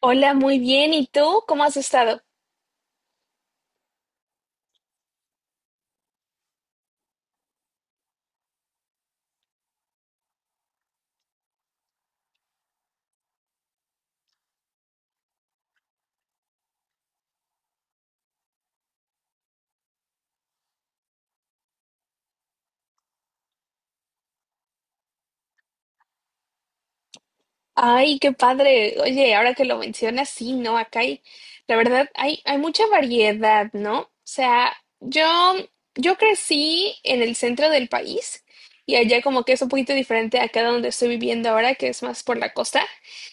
Hola, muy bien. ¿Y tú? ¿Cómo has estado? Ay, qué padre. Oye, ahora que lo mencionas, sí, ¿no? Acá hay, la verdad, hay mucha variedad, ¿no? O sea, yo, yo crecí en el centro del país y allá como que es un poquito diferente acá donde estoy viviendo ahora, que es más por la costa.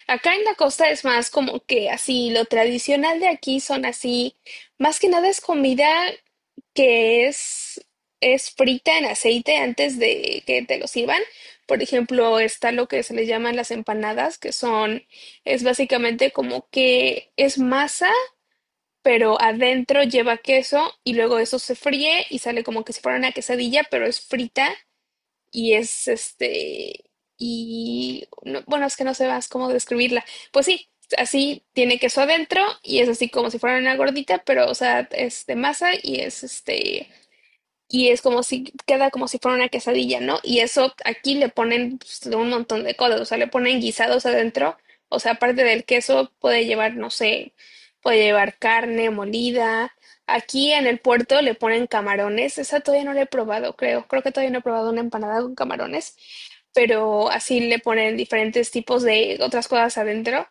Acá en la costa es más como que así, lo tradicional de aquí son así, más que nada es comida que es frita en aceite antes de que te lo sirvan. Por ejemplo, está lo que se le llaman las empanadas, es básicamente como que es masa, pero adentro lleva queso y luego eso se fríe y sale como que si fuera una quesadilla, pero es frita y es este, bueno, es que no sé más cómo describirla. Pues sí, así tiene queso adentro y es así como si fuera una gordita, pero o sea, es de masa y es este y es como si queda como si fuera una quesadilla, ¿no? Y eso aquí le ponen pues, un montón de cosas, o sea, le ponen guisados adentro, o sea, aparte del queso puede llevar, no sé, puede llevar carne molida. Aquí en el puerto le ponen camarones, esa todavía no la he probado, creo que todavía no he probado una empanada con camarones, pero así le ponen diferentes tipos de otras cosas adentro.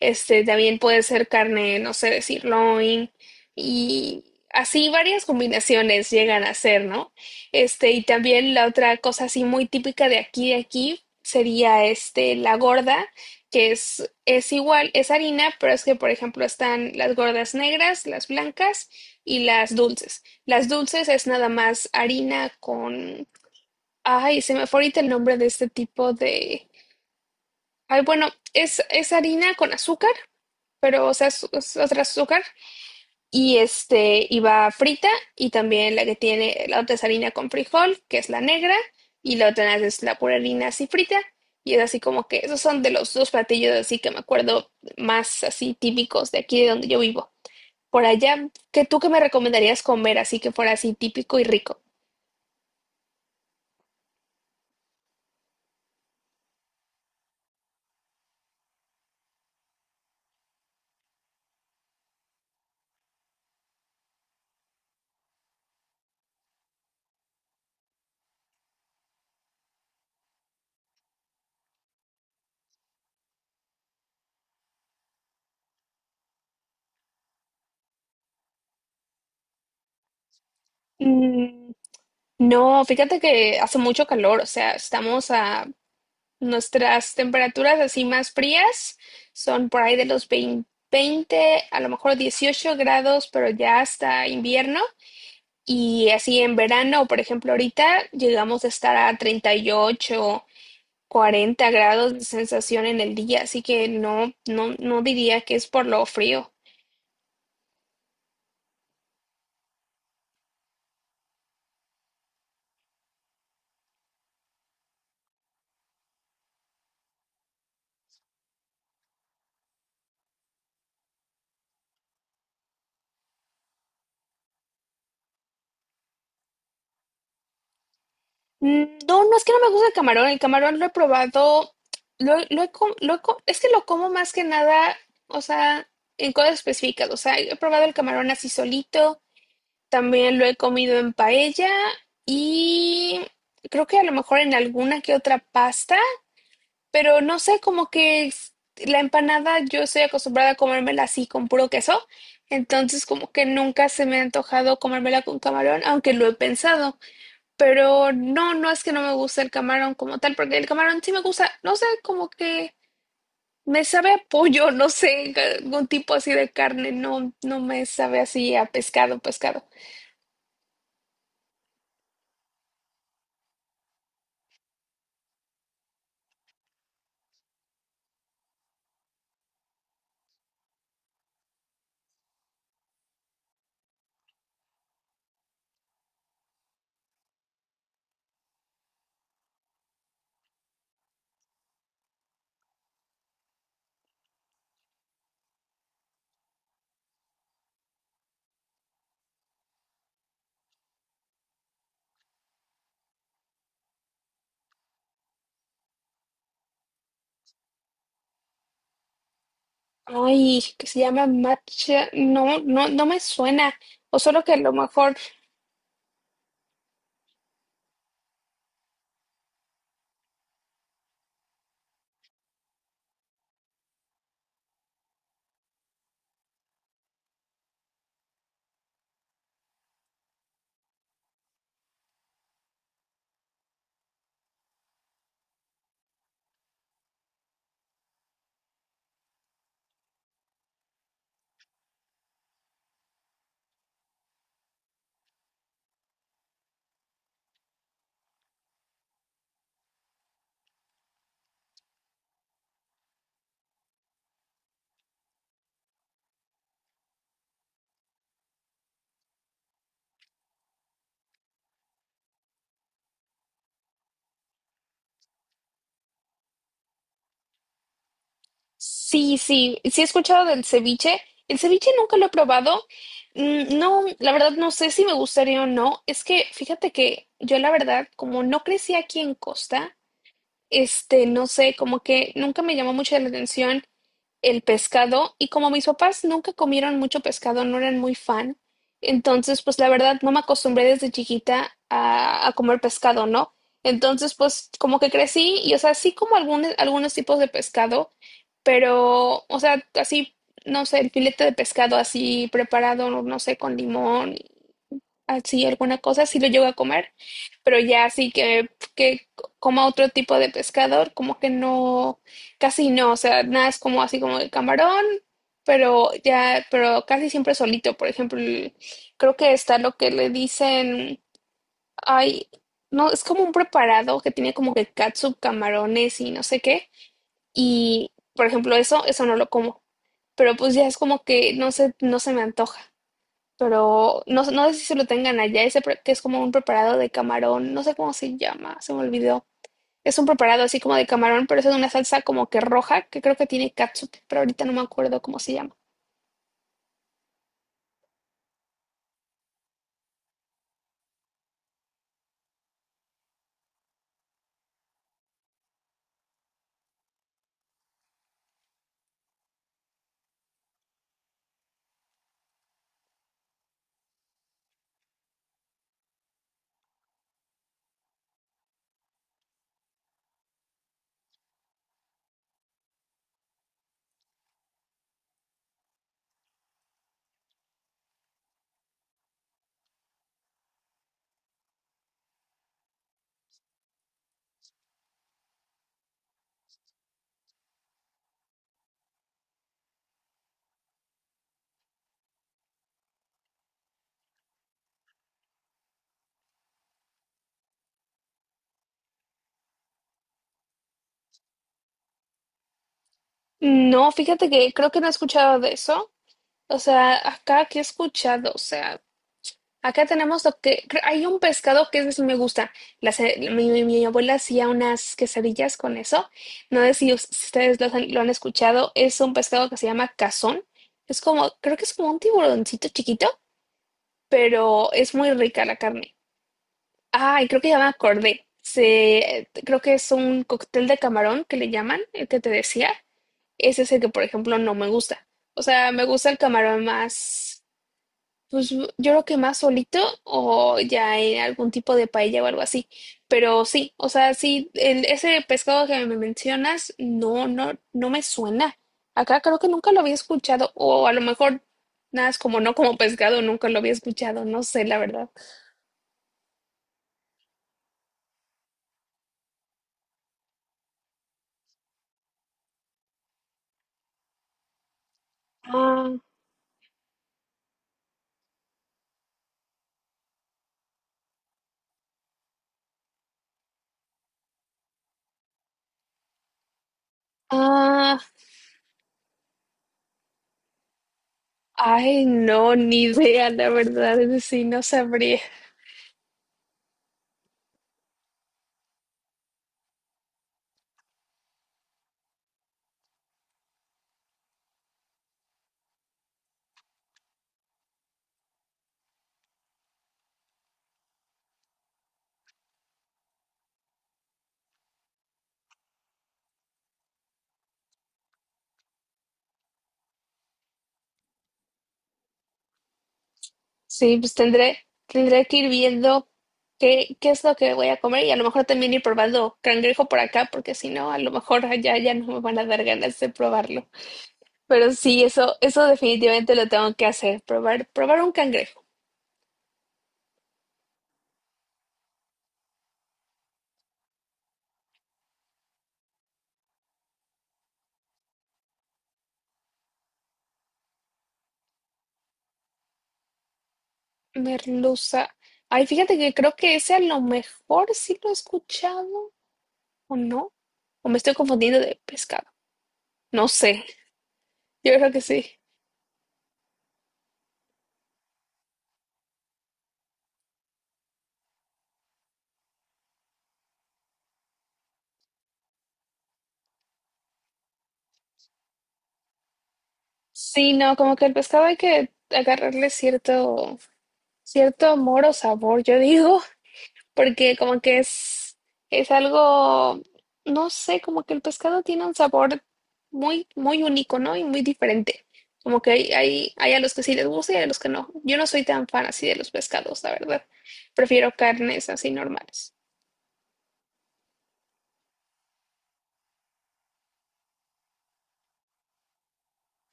Este, también puede ser carne, no sé, de sirloin y así varias combinaciones llegan a ser, ¿no? Este, y también la otra cosa así muy típica de aquí, sería este, la gorda, que es igual, es harina, pero es que, por ejemplo, están las gordas negras, las blancas y las dulces. Las dulces es nada más harina con... Ay, se me fue ahorita el nombre de este tipo de... Ay, bueno, es harina con azúcar, pero o sea, es otra azúcar. Y este, y va frita. Y también la que tiene, la otra es harina con frijol, que es la negra. Y la otra es la pura harina así frita. Y es así como que esos son de los dos platillos así que me acuerdo más así típicos de aquí de donde yo vivo. Por allá, ¿qué me recomendarías comer así que fuera así típico y rico? Mm, No, fíjate que hace mucho calor, o sea, estamos a nuestras temperaturas así más frías, son por ahí de los 20, 20, a lo mejor 18 grados, pero ya hasta invierno. Y así en verano, por ejemplo, ahorita llegamos a estar a 38, 40 grados de sensación en el día, así que no, no, no diría que es por lo frío. No, no es que no me gusta el camarón. El camarón lo he probado. Lo he com- lo he co- Es que lo como más que nada, o sea, en cosas específicas. O sea, he probado el camarón así solito. También lo he comido en paella. Y creo que a lo mejor en alguna que otra pasta. Pero no sé, la empanada yo estoy acostumbrada a comérmela así con puro queso. Entonces, como que nunca se me ha antojado comérmela con camarón, aunque lo he pensado. Pero no, no es que no me guste el camarón como tal, porque el camarón sí me gusta, no sé, como que me sabe a pollo, no sé, algún tipo así de carne, no, no me sabe así a pescado, pescado. Ay, que se llama matcha, no, no, no me suena. O solo que a lo mejor, sí, sí, sí he escuchado del ceviche. El ceviche nunca lo he probado. No, la verdad no sé si me gustaría o no. Es que fíjate que yo la verdad, como no crecí aquí en Costa, este, no sé, como que nunca me llamó mucho la atención el pescado y como mis papás nunca comieron mucho pescado, no eran muy fan, entonces pues la verdad no me acostumbré desde chiquita a comer pescado, ¿no? Entonces pues como que crecí y o sea, sí como algunos tipos de pescado, pero o sea, así, no sé, el filete de pescado así preparado, no sé, con limón así alguna cosa, sí lo llego a comer, pero ya así que coma otro tipo de pescador, como que no, casi no, o sea, nada es como así como el camarón, pero ya, pero casi siempre solito, por ejemplo, creo que está lo que le dicen, ay, no, es como un preparado que tiene como que catsup, camarones y no sé qué, y por ejemplo eso, eso no lo como, pero pues ya es como que no sé, no se me antoja pero no, no sé si se lo tengan allá, ese que es como un preparado de camarón, no sé cómo se llama, se me olvidó. Es un preparado así como de camarón, pero es en una salsa como que roja, que creo que tiene catsup, pero ahorita no me acuerdo cómo se llama. No, fíjate que creo que no he escuchado de eso. O sea, acá que he escuchado, o sea, acá tenemos lo que hay un pescado que ese sí me gusta. Mi abuela hacía unas quesadillas con eso. No sé si si ustedes lo han escuchado. Es un pescado que se llama cazón. Es como, creo que es como un tiburoncito chiquito, pero es muy rica la carne. Ah, y creo que llama cordé. Creo que es un cóctel de camarón que le llaman, el que te decía. Ese es el que, por ejemplo, no me gusta. O sea, me gusta el camarón más. Pues yo creo que más solito o ya en algún tipo de paella o algo así. Pero sí, o sea, sí, ese pescado que me mencionas, no, no, no me suena. Acá creo que nunca lo había escuchado, o a lo mejor nada es como no como pescado, nunca lo había escuchado, no sé, la verdad. Ah, ah, ay, no, ni idea, la verdad, es decir, no sabría. Sí, pues tendré que ir viendo qué es lo que voy a comer y a lo mejor también ir probando cangrejo por acá, porque si no, a lo mejor allá ya no me van a dar ganas de probarlo. Pero sí, eso definitivamente lo tengo que hacer, probar, probar un cangrejo. Merluza. Ay, fíjate que creo que ese a lo mejor sí lo he escuchado, o no, o me estoy confundiendo de pescado. No sé, yo creo que sí. Sí, no, como que el pescado hay que agarrarle cierto, cierto amor o sabor, yo digo. Porque como que es algo, no sé, como que el pescado tiene un sabor muy, muy único, ¿no? Y muy diferente. Como que hay a los que sí les gusta y a los que no. Yo no soy tan fan así de los pescados, la verdad. Prefiero carnes así normales.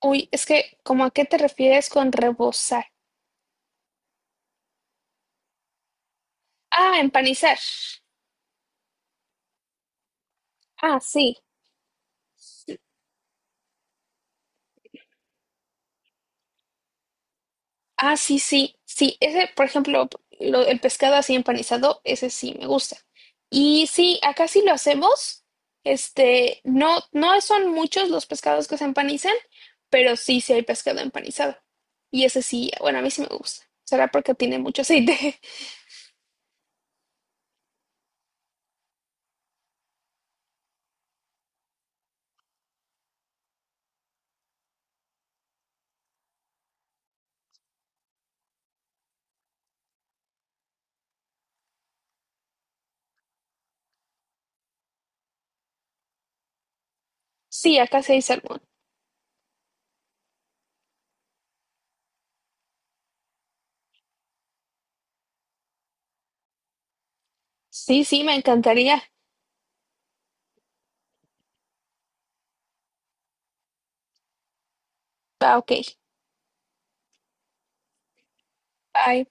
Uy, es que, ¿cómo a qué te refieres con rebozar? Ah, empanizar. Ah, sí. Ah, sí, sí, sí. Ese, por ejemplo, el pescado así empanizado, ese sí me gusta. Y sí, acá sí lo hacemos. Este, no, no son muchos los pescados que se empanizan, pero sí, sí hay pescado empanizado. Y ese sí, bueno, a mí sí me gusta. ¿Será porque tiene mucho aceite? Sí, acá sí hay salmón. Sí, sí, me encantaría. Ah, ok. Bye.